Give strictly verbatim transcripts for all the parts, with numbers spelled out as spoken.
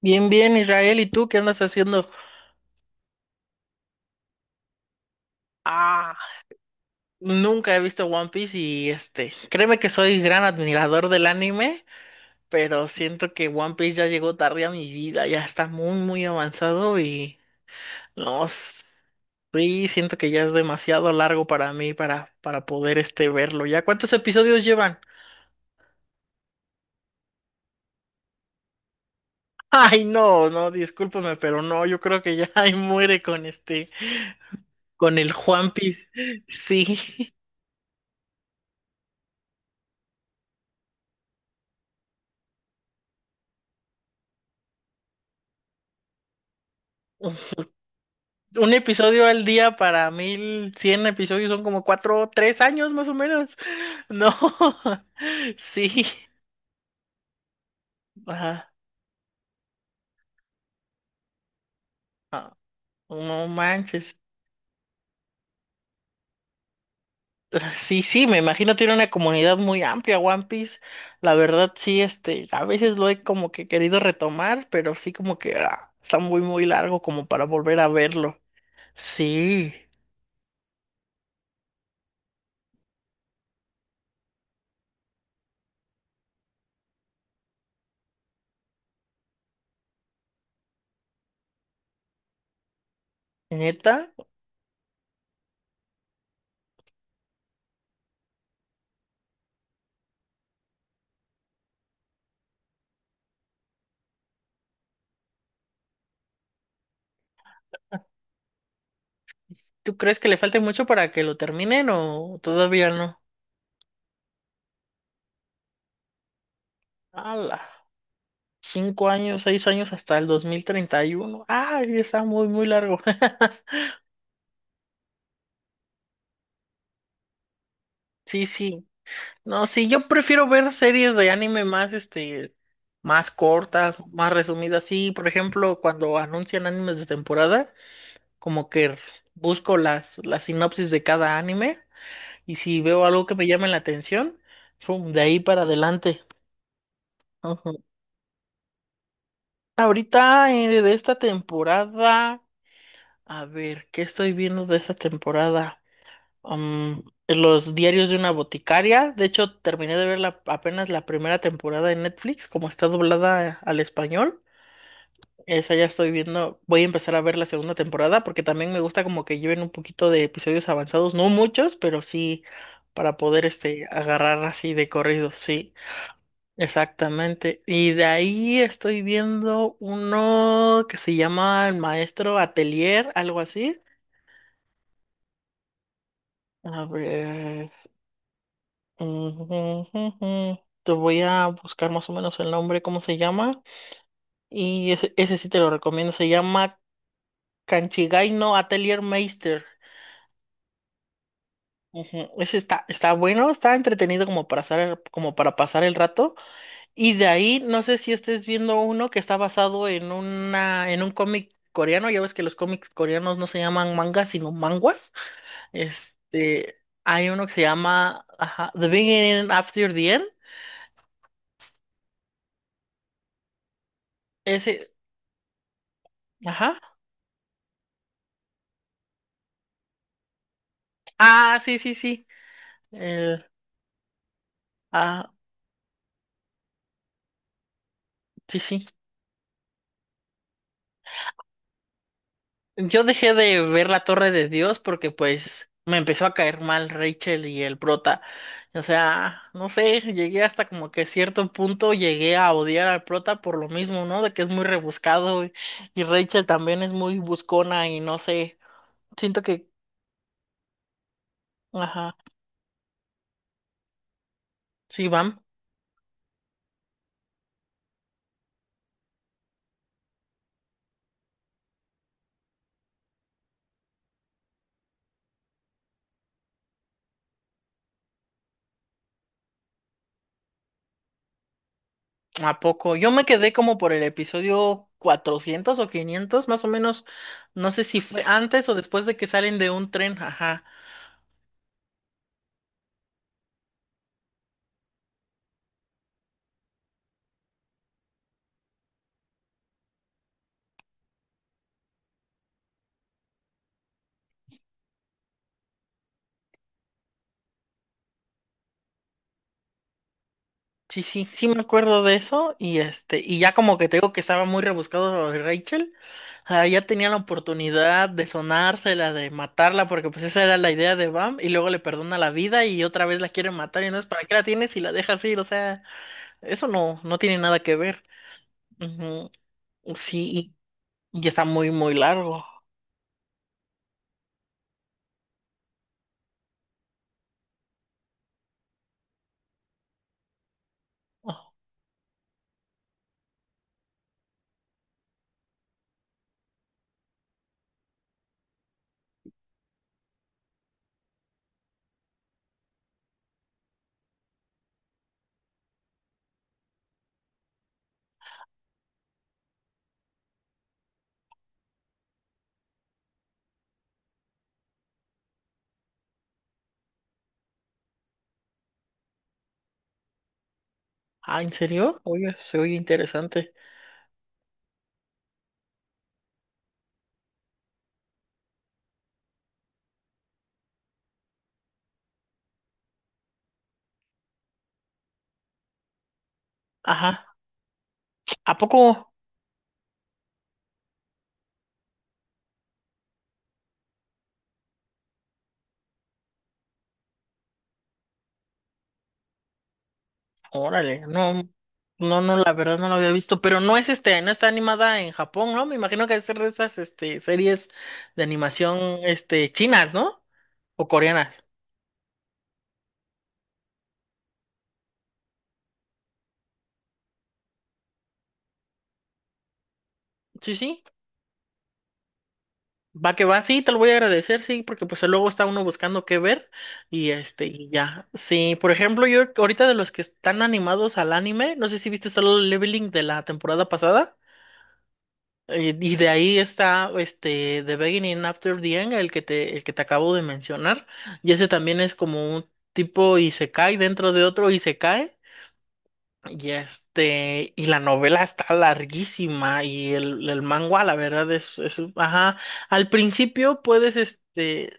Bien, bien, Israel, ¿y tú qué andas haciendo? Ah, nunca he visto One Piece y este, créeme que soy gran admirador del anime, pero siento que One Piece ya llegó tarde a mi vida, ya está muy, muy avanzado y no, s- sí, siento que ya es demasiado largo para mí para, para poder este verlo. ¿Ya cuántos episodios llevan? Ay, no, no, discúlpame, pero no, yo creo que ya ahí muere con este, con el One Piece. Sí. Un episodio al día para mil cien episodios son como cuatro, tres años más o menos. No, sí, ajá, no manches. Sí, sí, me imagino tiene una comunidad muy amplia One Piece. La verdad, sí, este, a veces lo he como que querido retomar, pero sí como que ah, está muy, muy largo como para volver a verlo. Sí, neta, ¿tú crees que le falte mucho para que lo terminen o todavía no? ¡Hala! Cinco años, seis años hasta el dos mil treinta y uno. Ay, está muy, muy largo. Sí, sí. No, sí, yo prefiero ver series de anime más, este, más cortas, más resumidas. Sí, por ejemplo, cuando anuncian animes de temporada, como que busco las, las sinopsis de cada anime y si veo algo que me llame la atención, pum, de ahí para adelante. Ujú. Ahorita, eh, de esta temporada, a ver, ¿qué estoy viendo de esta temporada? um, Los diarios de una boticaria. De hecho, terminé de ver la- apenas la primera temporada en Netflix, como está doblada al español. Esa ya estoy viendo. Voy a empezar a ver la segunda temporada porque también me gusta como que lleven un poquito de episodios avanzados, no muchos, pero sí para poder este agarrar así de corrido, sí. Exactamente. Y de ahí estoy viendo uno que se llama El Maestro Atelier, algo así. A ver. Ujú. Te voy a buscar más o menos el nombre, cómo se llama. Y ese, ese sí te lo recomiendo. Se llama Canchigaino Atelier Meister. Ujú. Ese está, está bueno, está entretenido como para pasar, el- como para pasar el rato. Y de ahí, no sé si estés viendo uno que está basado en una, en un cómic coreano. Ya ves que los cómics coreanos no se llaman mangas, sino manguas. Este, hay uno que se llama, ajá, The Beginning After the End. Ese, ajá. Ah, sí, sí, sí. El- ah, sí, sí. Yo dejé de ver la Torre de Dios porque pues me empezó a caer mal Rachel y el prota. O sea, no sé, llegué hasta como que cierto punto llegué a odiar al prota por lo mismo, ¿no? De que es muy rebuscado y, y Rachel también es muy buscona y no sé. Siento que, ajá, sí, van. ¿A poco? Yo me quedé como por el episodio cuatrocientos o quinientos más o menos. No sé si fue antes o después de que salen de un tren, ajá. Sí, sí, sí me acuerdo de eso y este, y ya como que te digo que estaba muy rebuscado lo de Rachel, ah, ya tenía la oportunidad de sonársela, de matarla, porque pues esa era la idea de Bam, y luego le perdona la vida y otra vez la quieren matar, y no es para qué la tienes si la dejas ir, o sea, eso no, no tiene nada que ver. Ujú. Sí, y, y está muy, muy largo. Ah, ¿en serio? Oye, se oye interesante. Ajá. ¿A poco? Órale, no, no, no, la verdad no la había visto, pero no es este, no está animada en Japón, ¿no? Me imagino que debe ser de esas este, series de animación este, chinas, ¿no? O coreanas. Sí, sí. Va que va, sí, te lo voy a agradecer, sí, porque pues luego está uno buscando qué ver y este, y ya. Sí, por ejemplo, yo ahorita de los que están animados al anime, no sé si viste Solo Leveling de la temporada pasada. Eh, Y de ahí está este The Beginning After the End, el que te, el que te acabo de mencionar. Y ese también es como un tipo y se cae dentro de otro y se cae y este, y la novela está larguísima y el, el manga, la verdad, es, es, ajá, al principio puedes, este,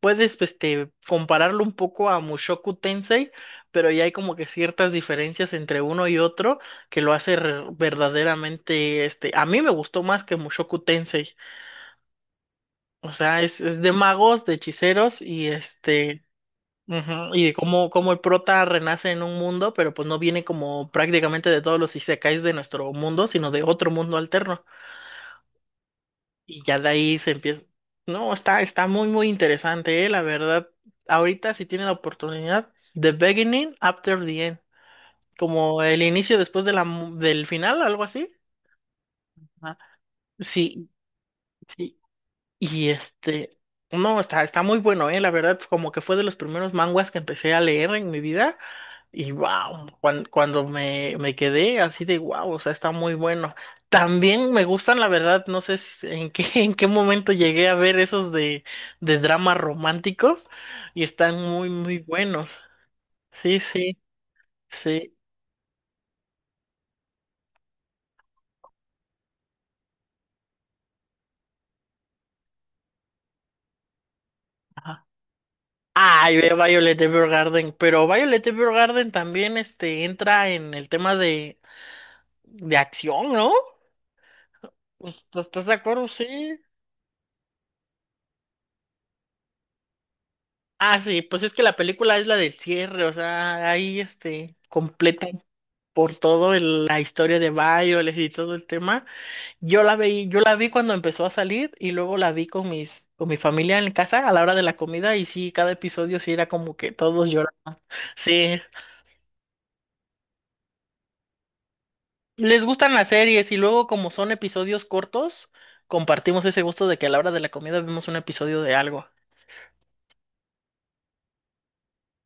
puedes, este, compararlo un poco a Mushoku Tensei, pero ya hay como que ciertas diferencias entre uno y otro que lo hace re- verdaderamente, este, a mí me gustó más que Mushoku Tensei, o sea, es, es de magos, de hechiceros y este... Ujú. Y como, como el prota renace en un mundo, pero pues no viene como prácticamente de todos los isekais de nuestro mundo, sino de otro mundo alterno. Y ya de ahí se empieza. No, está, está muy, muy interesante, eh, la verdad. Ahorita si tiene la oportunidad, The Beginning After the End, como el inicio después de la, mu- del final, algo así. Ajá. Sí, sí. Y este, no, está, está muy bueno, eh, la verdad, como que fue de los primeros manguas que empecé a leer en mi vida. Y wow, cuando, cuando me, me quedé así de wow, o sea, está muy bueno. También me gustan, la verdad, no sé si- en qué, en qué momento llegué a ver esos de, de dramas románticos y están muy, muy buenos. Sí, sí, sí. Ajá. Ay, ve Violet Evergarden, pero Violet Evergarden también este, entra en el tema de, de, acción, ¿no? ¿Estás estás de acuerdo? Sí. Ah, sí, pues es que la película es la del cierre, o sea, ahí este, completa. Por todo el- la historia de Bioles y todo el tema. Yo la vi, yo la vi cuando empezó a salir y luego la vi con mis, con mi familia en casa a la hora de la comida y sí, cada episodio sí era como que todos lloran. Sí, les gustan las series y luego como son episodios cortos, compartimos ese gusto de que a la hora de la comida vemos un episodio de algo.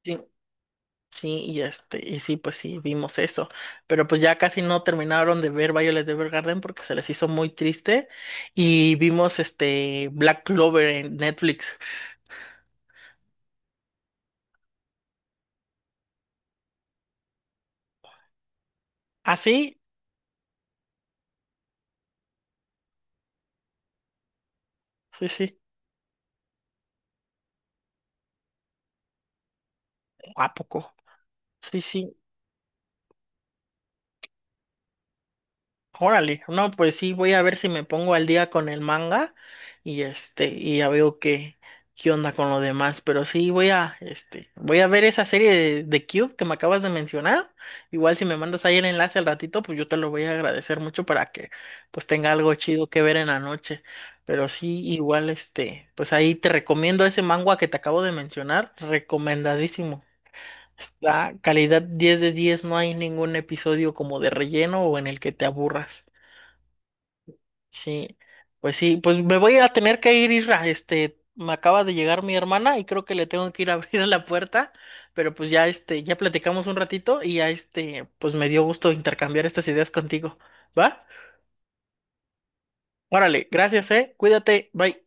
Sí. Sí, y este, y sí, pues sí, vimos eso. Pero pues ya casi no terminaron de ver Violet Evergarden porque se les hizo muy triste. Y vimos este Black Clover en Netflix. Ah, sí, sí, sí. ¿A poco? Sí, sí. Órale, no, pues sí, voy a ver si me pongo al día con el manga y este, y ya veo qué, qué, onda con lo demás, pero sí voy a, este, voy a ver esa serie de, de Cube que me acabas de mencionar. Igual si me mandas ahí el enlace al ratito, pues yo te lo voy a agradecer mucho para que pues tenga algo chido que ver en la noche. Pero sí, igual este, pues ahí te recomiendo ese manga que te acabo de mencionar, recomendadísimo. Está calidad diez de diez, no hay ningún episodio como de relleno o en el que te aburras. Sí, pues sí, pues me voy a tener que ir, Isra. Este, me acaba de llegar mi hermana y creo que le tengo que ir a abrir la puerta, pero pues ya este, ya platicamos un ratito y ya este, pues me dio gusto intercambiar estas ideas contigo. ¿Va? Órale, gracias, eh. Cuídate, bye.